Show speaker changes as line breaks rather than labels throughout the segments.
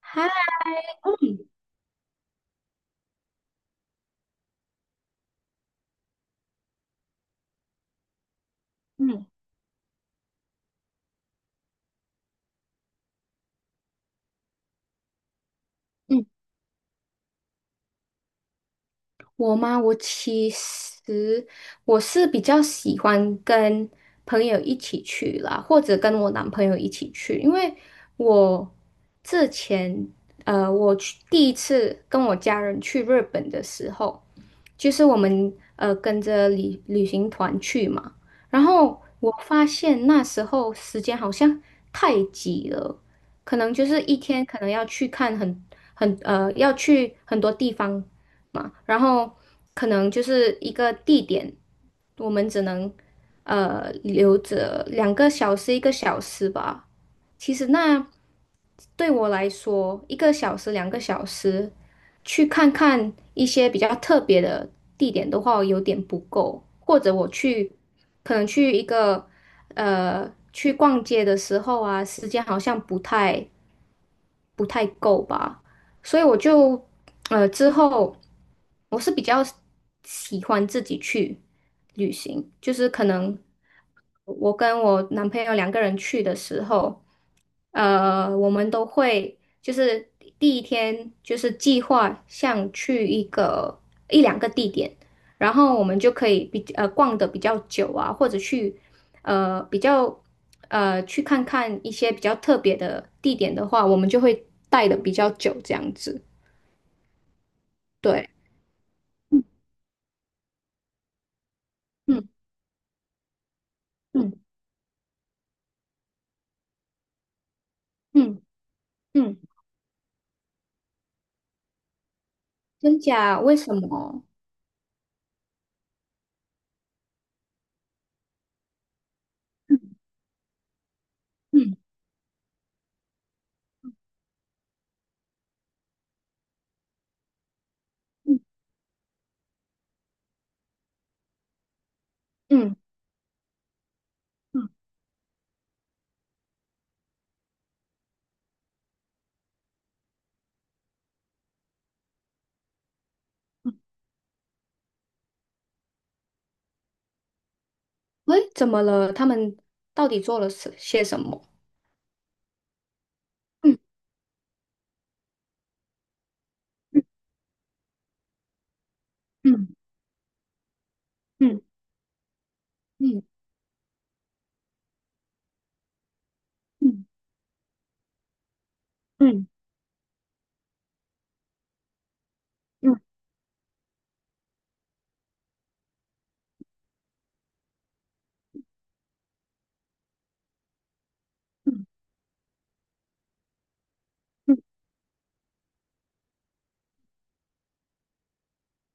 嗨。嗯嗯。我吗？我其实我是比较喜欢跟朋友一起去啦，或者跟我男朋友一起去，因为我之前我去第一次跟我家人去日本的时候，就是我们跟着旅行团去嘛，然后我发现那时候时间好像太挤了，可能就是一天可能要去看很很呃要去很多地方嘛，然后可能就是一个地点，我们只能留着两个小时一个小时吧。其实那对我来说，一个小时两个小时去看看一些比较特别的地点的话，有点不够。或者我去可能去一个去逛街的时候啊，时间好像不太够吧。所以之后我是比较喜欢自己去旅行，就是可能我跟我男朋友两个人去的时候，我们都会就是第一天就是计划像去一两个地点，然后我们就可以逛的比较久啊，或者去呃比较。呃，去看看一些比较特别的地点的话，我们就会待的比较久，这样子。对。嗯嗯嗯嗯嗯。真假？为什么？嗯嗯嗯嗯嗯。喂，怎么了？他们到底做了什些什么？嗯嗯嗯嗯嗯嗯嗯嗯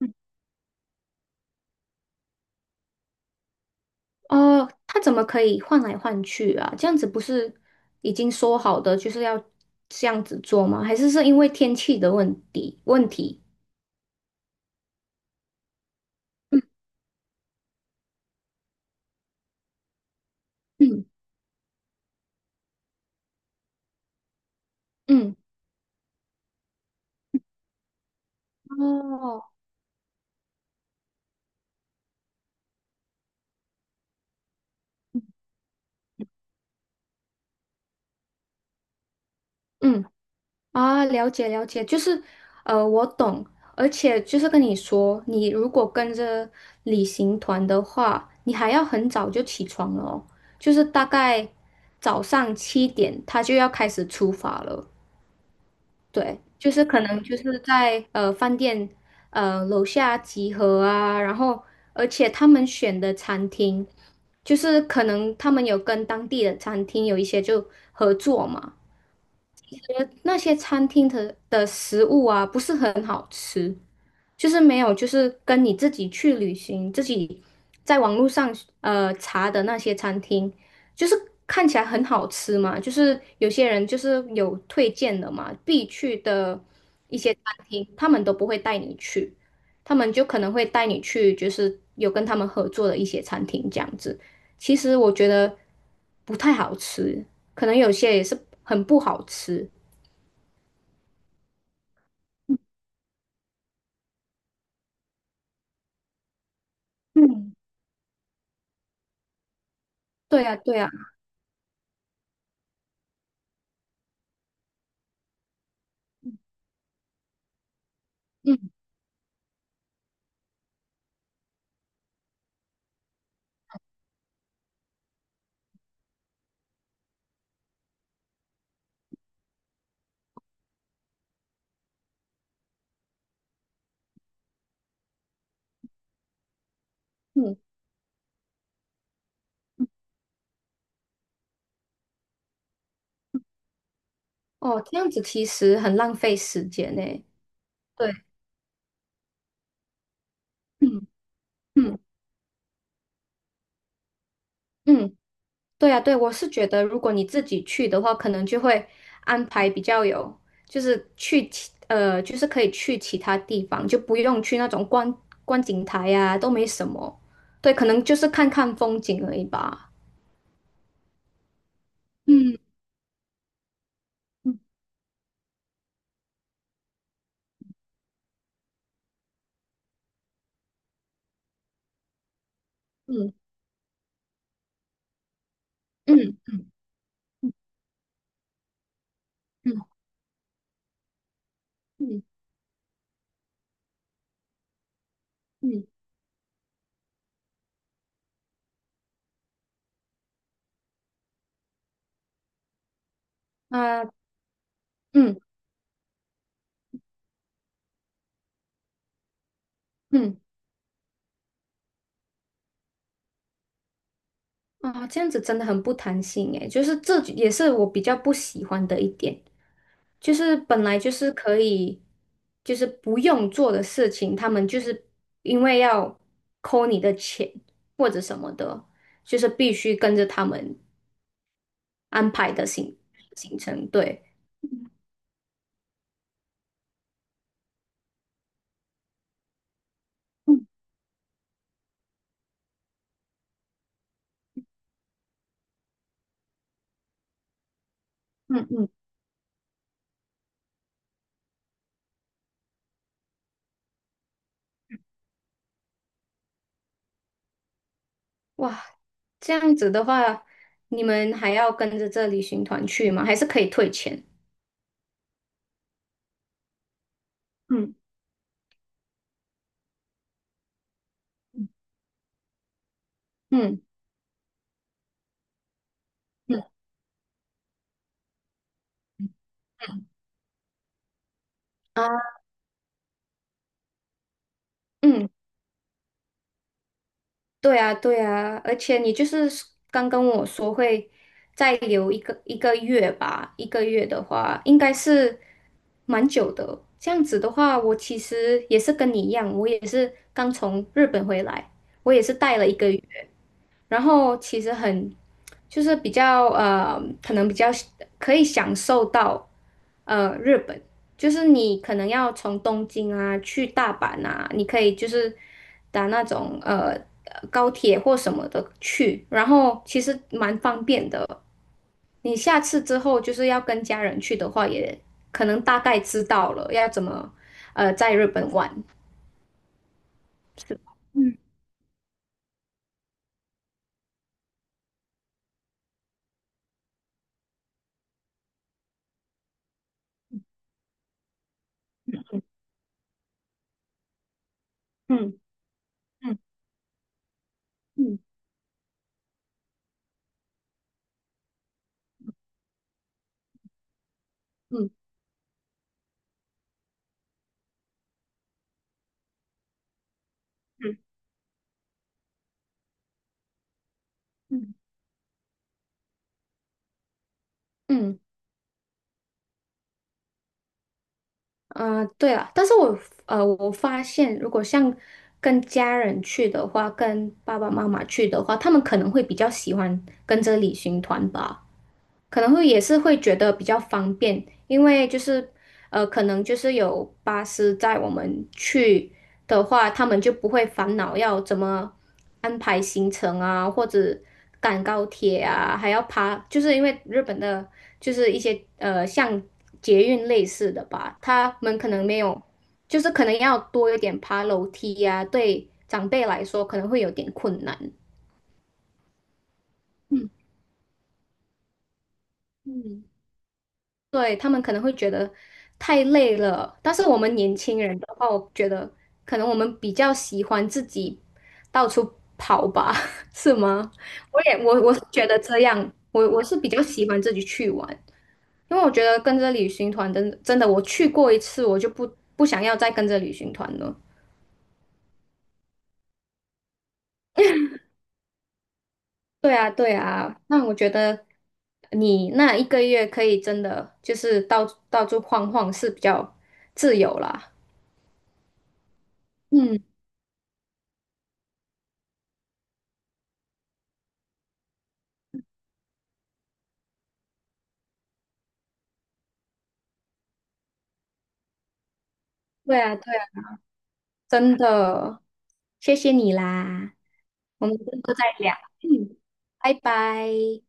嗯。哦，他怎么可以换来换去啊？这样子不是已经说好的就是要这样子做吗？还是是因为天气的问题？嗯嗯嗯。哦。嗯。啊，了解了解，就是我懂，而且就是跟你说，你如果跟着旅行团的话，你还要很早就起床了哦，就是大概早上7点，他就要开始出发了。对，就是可能就是在饭店楼下集合啊，然后而且他们选的餐厅，就是可能他们有跟当地的餐厅有一些就合作嘛。那些餐厅的食物啊，不是很好吃，就是没有，就是跟你自己去旅行，自己在网络上查的那些餐厅，就是看起来很好吃嘛，就是有些人就是有推荐的嘛，必去的一些餐厅，他们都不会带你去，他们就可能会带你去，就是有跟他们合作的一些餐厅这样子。其实我觉得不太好吃，可能有些也是很不好吃。对呀，对呀。嗯嗯。哦，这样子其实很浪费时间呢。对。嗯嗯嗯。对呀，对，我是觉得如果你自己去的话，可能就会安排比较有，就是就是可以去其他地方，就不用去那种观景台呀、都没什么。对，可能就是看看风景而已吧。嗯嗯嗯嗯嗯嗯啊嗯嗯啊，这样子真的很不弹性诶，就是这也是我比较不喜欢的一点。就是本来就是可以，就是不用做的事情，他们就是因为要扣你的钱或者什么的，就是必须跟着他们安排的行程。对。嗯嗯嗯。哇，这样子的话，你们还要跟着这旅行团去吗？还是可以退钱？嗯嗯嗯啊嗯。对啊，对啊，而且你就是刚跟我说会再留一个月吧，一个月的话应该是蛮久的。这样子的话，我其实也是跟你一样，我也是刚从日本回来，我也是待了一个月。然后其实很就是比较，可能比较可以享受到日本，就是你可能要从东京啊去大阪啊，你可以就是打那种高铁或什么的去，然后其实蛮方便的。你下次之后就是要跟家人去的话，也可能大概知道了要怎么在日本玩。是。嗯嗯嗯嗯嗯嗯。嗯嗯，对了，但是我我发现如果像跟家人去的话，跟爸爸妈妈去的话，他们可能会比较喜欢跟着旅行团吧。可能会也是会觉得比较方便，因为就是可能就是有巴士载我们去的话，他们就不会烦恼要怎么安排行程啊，或者赶高铁啊，还要爬，就是因为日本的就是一些像捷运类似的吧，他们可能没有，就是可能要多一点爬楼梯呀、对长辈来说可能会有点困难。嗯嗯，对，他们可能会觉得太累了，但是我们年轻人的话，我觉得可能我们比较喜欢自己到处跑吧，是吗？我也我我是觉得这样，我是比较喜欢自己去玩，因为我觉得跟着旅行团真的真的，我去过一次，我就不想要再跟着旅行团了。对啊，对啊，那我觉得你那一个月可以真的就是到处晃晃是比较自由啦。嗯，对啊，对啊真的，谢谢你啦，我们之后再聊，拜拜。